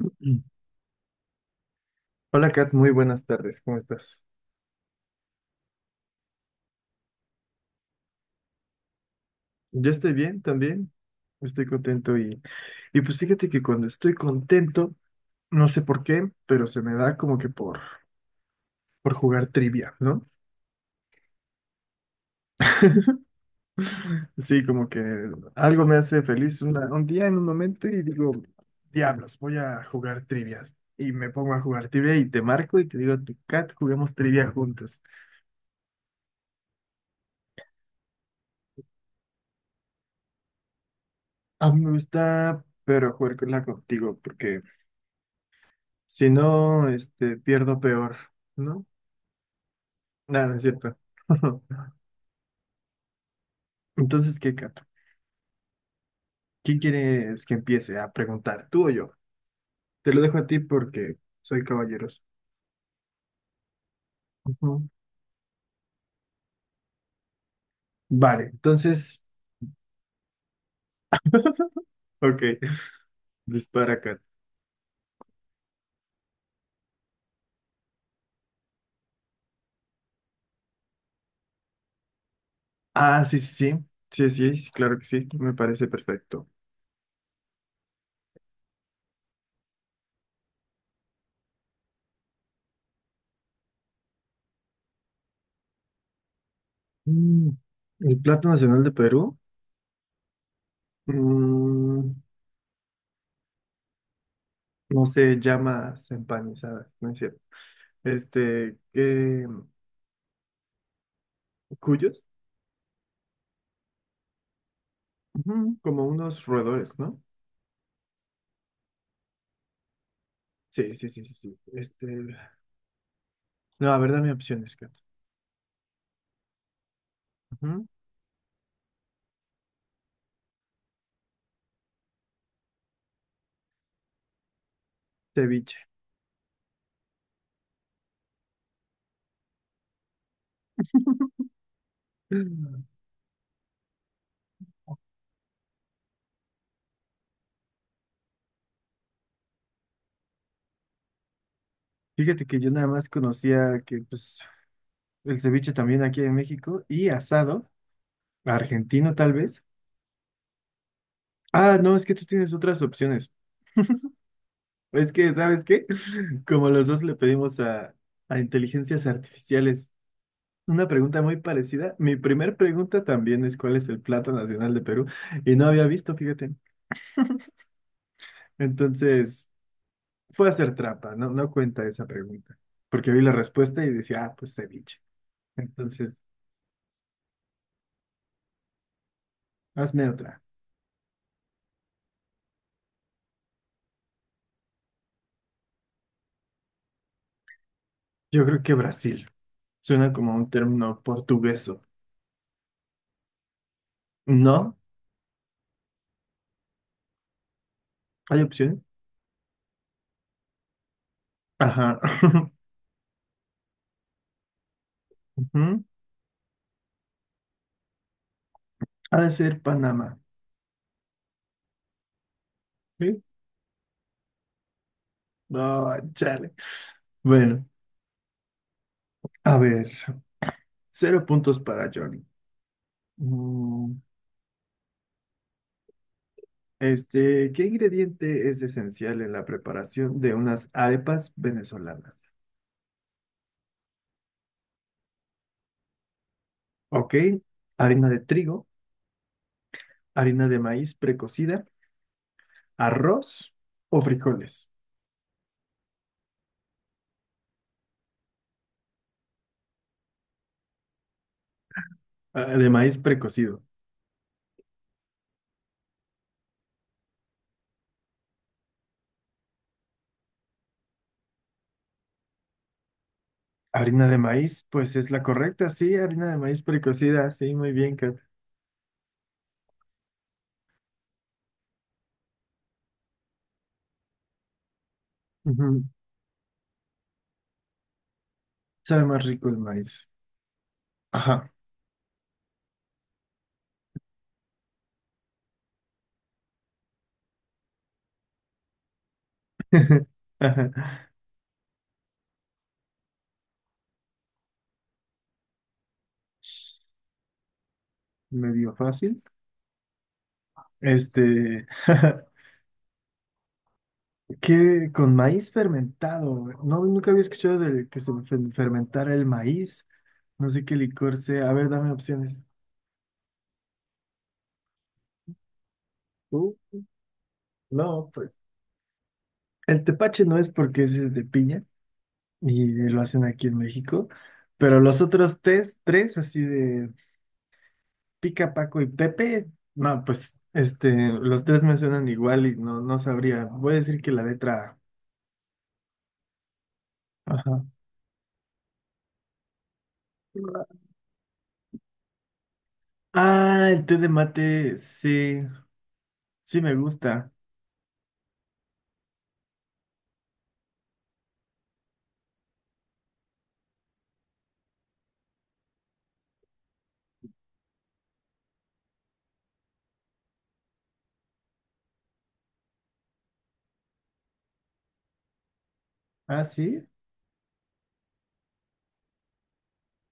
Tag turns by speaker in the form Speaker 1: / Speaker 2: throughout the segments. Speaker 1: Mm. Hola, Kat, muy buenas tardes, ¿cómo estás? Yo estoy bien también, estoy contento y pues fíjate que cuando estoy contento, no sé por qué, pero se me da como que por jugar trivia, ¿no? Sí, como que algo me hace feliz un día en un momento y digo, diablos, voy a jugar trivias. Y me pongo a jugar trivia y te marco y te digo, Kat, juguemos trivia juntos. A mí me gusta, pero jugarla contigo, porque si no, pierdo peor, ¿no? Nada, no es cierto. Entonces, ¿qué, Cato? ¿Quién quieres que empiece a preguntar? ¿Tú o yo? Te lo dejo a ti porque soy caballeroso. Ujú. Vale, entonces, ok, dispara, Cato. Ah, sí, sí, sí. Sí, sí, sí, claro que sí. Me parece perfecto. Mm, el plato nacional de Perú, mm, no sé, llamas empanizadas, no es cierto. Este, eh, cuyos. Ujú, como unos roedores, ¿no? Sí, sí, sí, sí, sí. No, a ver, dame opciones. Ujú. Ceviche. Fíjate que yo nada más conocía que pues el ceviche también aquí en México y asado, argentino tal vez. Ah, no, es que tú tienes otras opciones. Es que, ¿sabes qué? Como los dos le pedimos a inteligencias artificiales una pregunta muy parecida, mi primer pregunta también es ¿cuál es el plato nacional de Perú? Y no había visto, fíjate. Entonces, fue a hacer trampa, no cuenta esa pregunta, porque vi la respuesta y decía, ah, pues ceviche. Entonces, hazme otra. Yo creo que Brasil. Suena como un término portugueso. ¿No? ¿Hay opciones? Ajá. Ujú. Ha de ser Panamá. ¿Sí? No, chale. Bueno, a ver. Cero puntos para Johnny. Mm, este, ¿qué ingrediente es esencial en la preparación de unas arepas venezolanas? Ok, harina de trigo, harina de maíz precocida, arroz o frijoles. Ah, de maíz precocido. Harina de maíz, pues es la correcta, sí, harina de maíz precocida, sí, muy bien, Kat. Ujú. Sabe más rico el maíz. Ajá. Ajá. Medio fácil. Este, ¿qué con maíz fermentado? No, nunca había escuchado del que se fermentara el maíz. No sé qué licor sea. A ver, dame opciones. Uh, no, pues. El tepache no es porque es de piña y lo hacen aquí en México. Pero los otros tres, así de, Pica, Paco y Pepe. No, pues este, los tres me suenan igual y no, no sabría. Voy a decir que la letra A. Ajá. Ah, el té de mate, sí, sí me gusta. Ah, sí.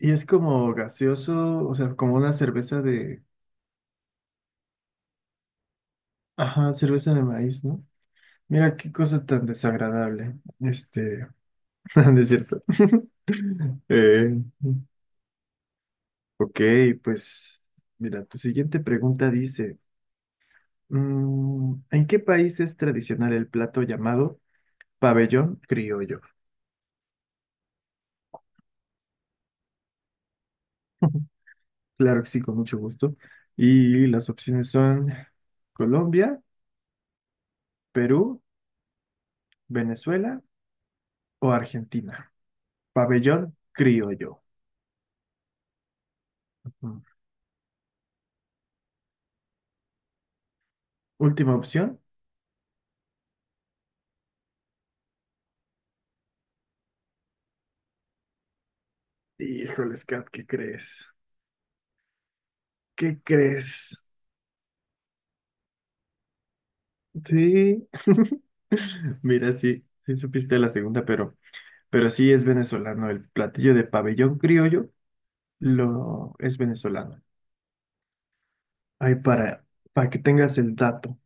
Speaker 1: Y es como gaseoso, o sea, como una cerveza de, ajá, cerveza de maíz, ¿no? Mira qué cosa tan desagradable. Este, no es cierto. Eh, ok, pues, mira, tu siguiente pregunta dice. Mm, ¿en qué país es tradicional el plato llamado pabellón criollo? Claro que sí, con mucho gusto. Y las opciones son Colombia, Perú, Venezuela o Argentina. Pabellón criollo. Mm. Última opción. Híjoles, Kat, ¿qué crees? ¿Qué crees? Sí. Mira, sí, sí supiste la segunda, pero sí es venezolano. El platillo de pabellón criollo lo es venezolano. Ahí para que tengas el dato.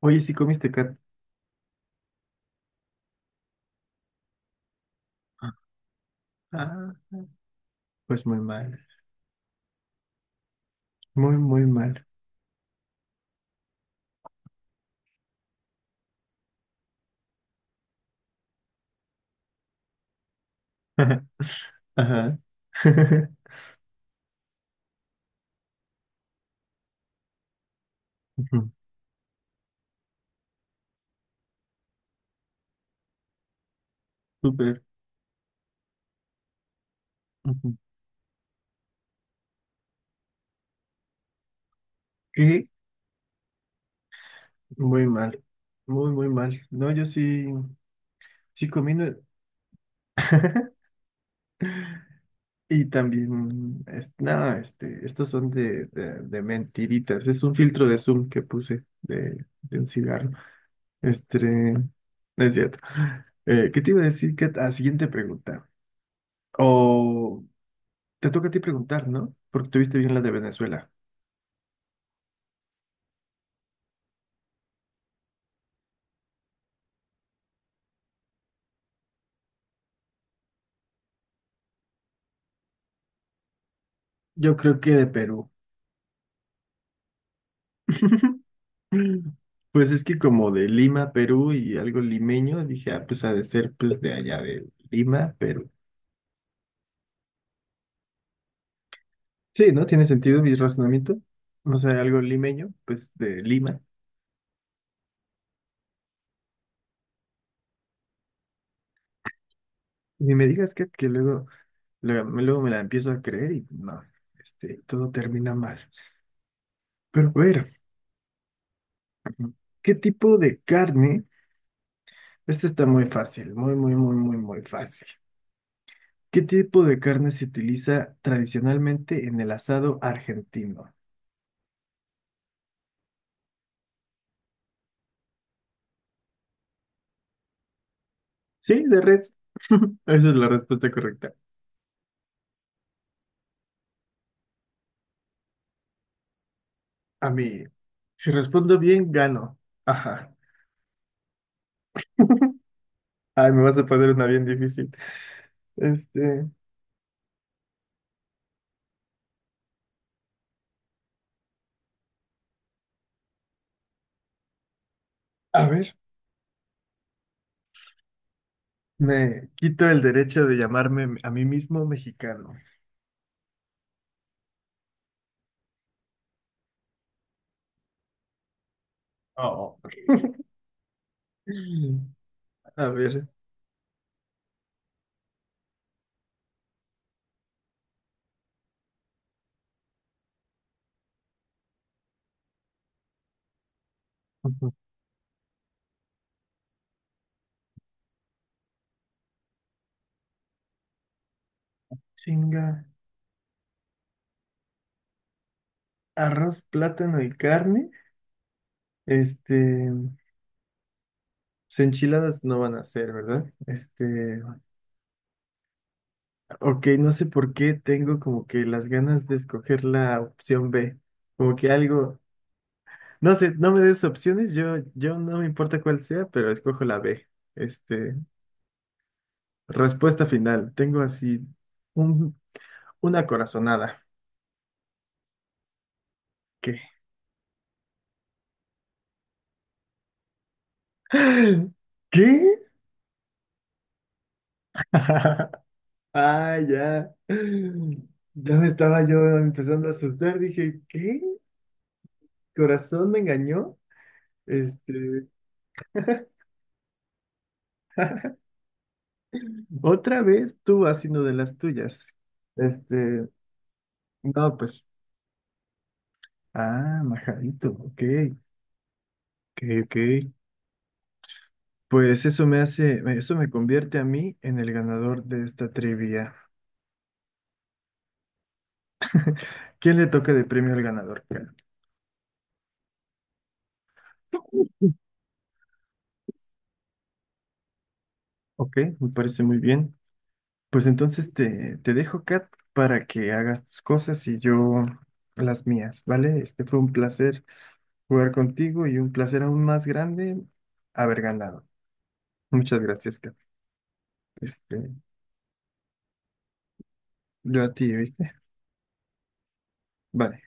Speaker 1: Oye, si comiste, Cat. Ah, pues muy mal. Muy, muy mal. Ajá. Ujú. Súper. Ujú. ¿Qué? Muy mal. Muy, muy mal. No, yo sí, sí comí. No. Y también, no, este, estos son de mentiritas. Es un filtro de Zoom que puse de un cigarro. Este, no es cierto. ¿Qué te iba a decir? ¿Qué, ¿a siguiente pregunta? O. Te toca a ti preguntar, ¿no? Porque tuviste bien la de Venezuela. Yo creo que de Perú. Mm. Pues es que como de Lima, Perú y algo limeño, dije, ah, pues ha de ser pues de allá de Lima, Perú. Sí, ¿no? ¿Tiene sentido mi razonamiento? O sea, algo limeño, pues de Lima. Ni me digas que luego, luego me la empiezo a creer y no, este, todo termina mal. Pero a ver, ¿qué tipo de carne? Este está muy fácil, muy, muy, muy, muy, muy fácil. ¿Qué tipo de carne se utiliza tradicionalmente en el asado argentino? Sí, de res. Esa es la respuesta correcta. A mí, si respondo bien, gano. Ajá. Ay, me vas a poner una bien difícil. Este, a ver, me quito el derecho de llamarme a mí mismo mexicano. Oh. A ver, chinga. Arroz, plátano y carne. Este, pues, enchiladas no van a ser, ¿verdad? Este, ok, no sé por qué tengo como que las ganas de escoger la opción B. Como que algo, no sé, no me des opciones, yo, no me importa cuál sea, pero escojo la B. Este, respuesta final. Tengo así un, una corazonada. ¿Qué? ¿Qué? Ah, ya. Ya me estaba yo empezando a asustar. Dije, ¿qué? ¿Corazón me engañó? Este, otra vez tú haciendo de las tuyas. Este, no, pues, ah, majadito, ok, ok, ok. Pues eso me hace, eso me convierte a mí en el ganador de esta trivia. ¿Quién le toca de premio al ganador, Kat? Ok, me parece muy bien. Pues entonces te dejo, Kat, para que hagas tus cosas y yo las mías, ¿vale? Este fue un placer jugar contigo y un placer aún más grande haber ganado. Muchas gracias, Kat. Este, yo a ti, ¿viste? Vale.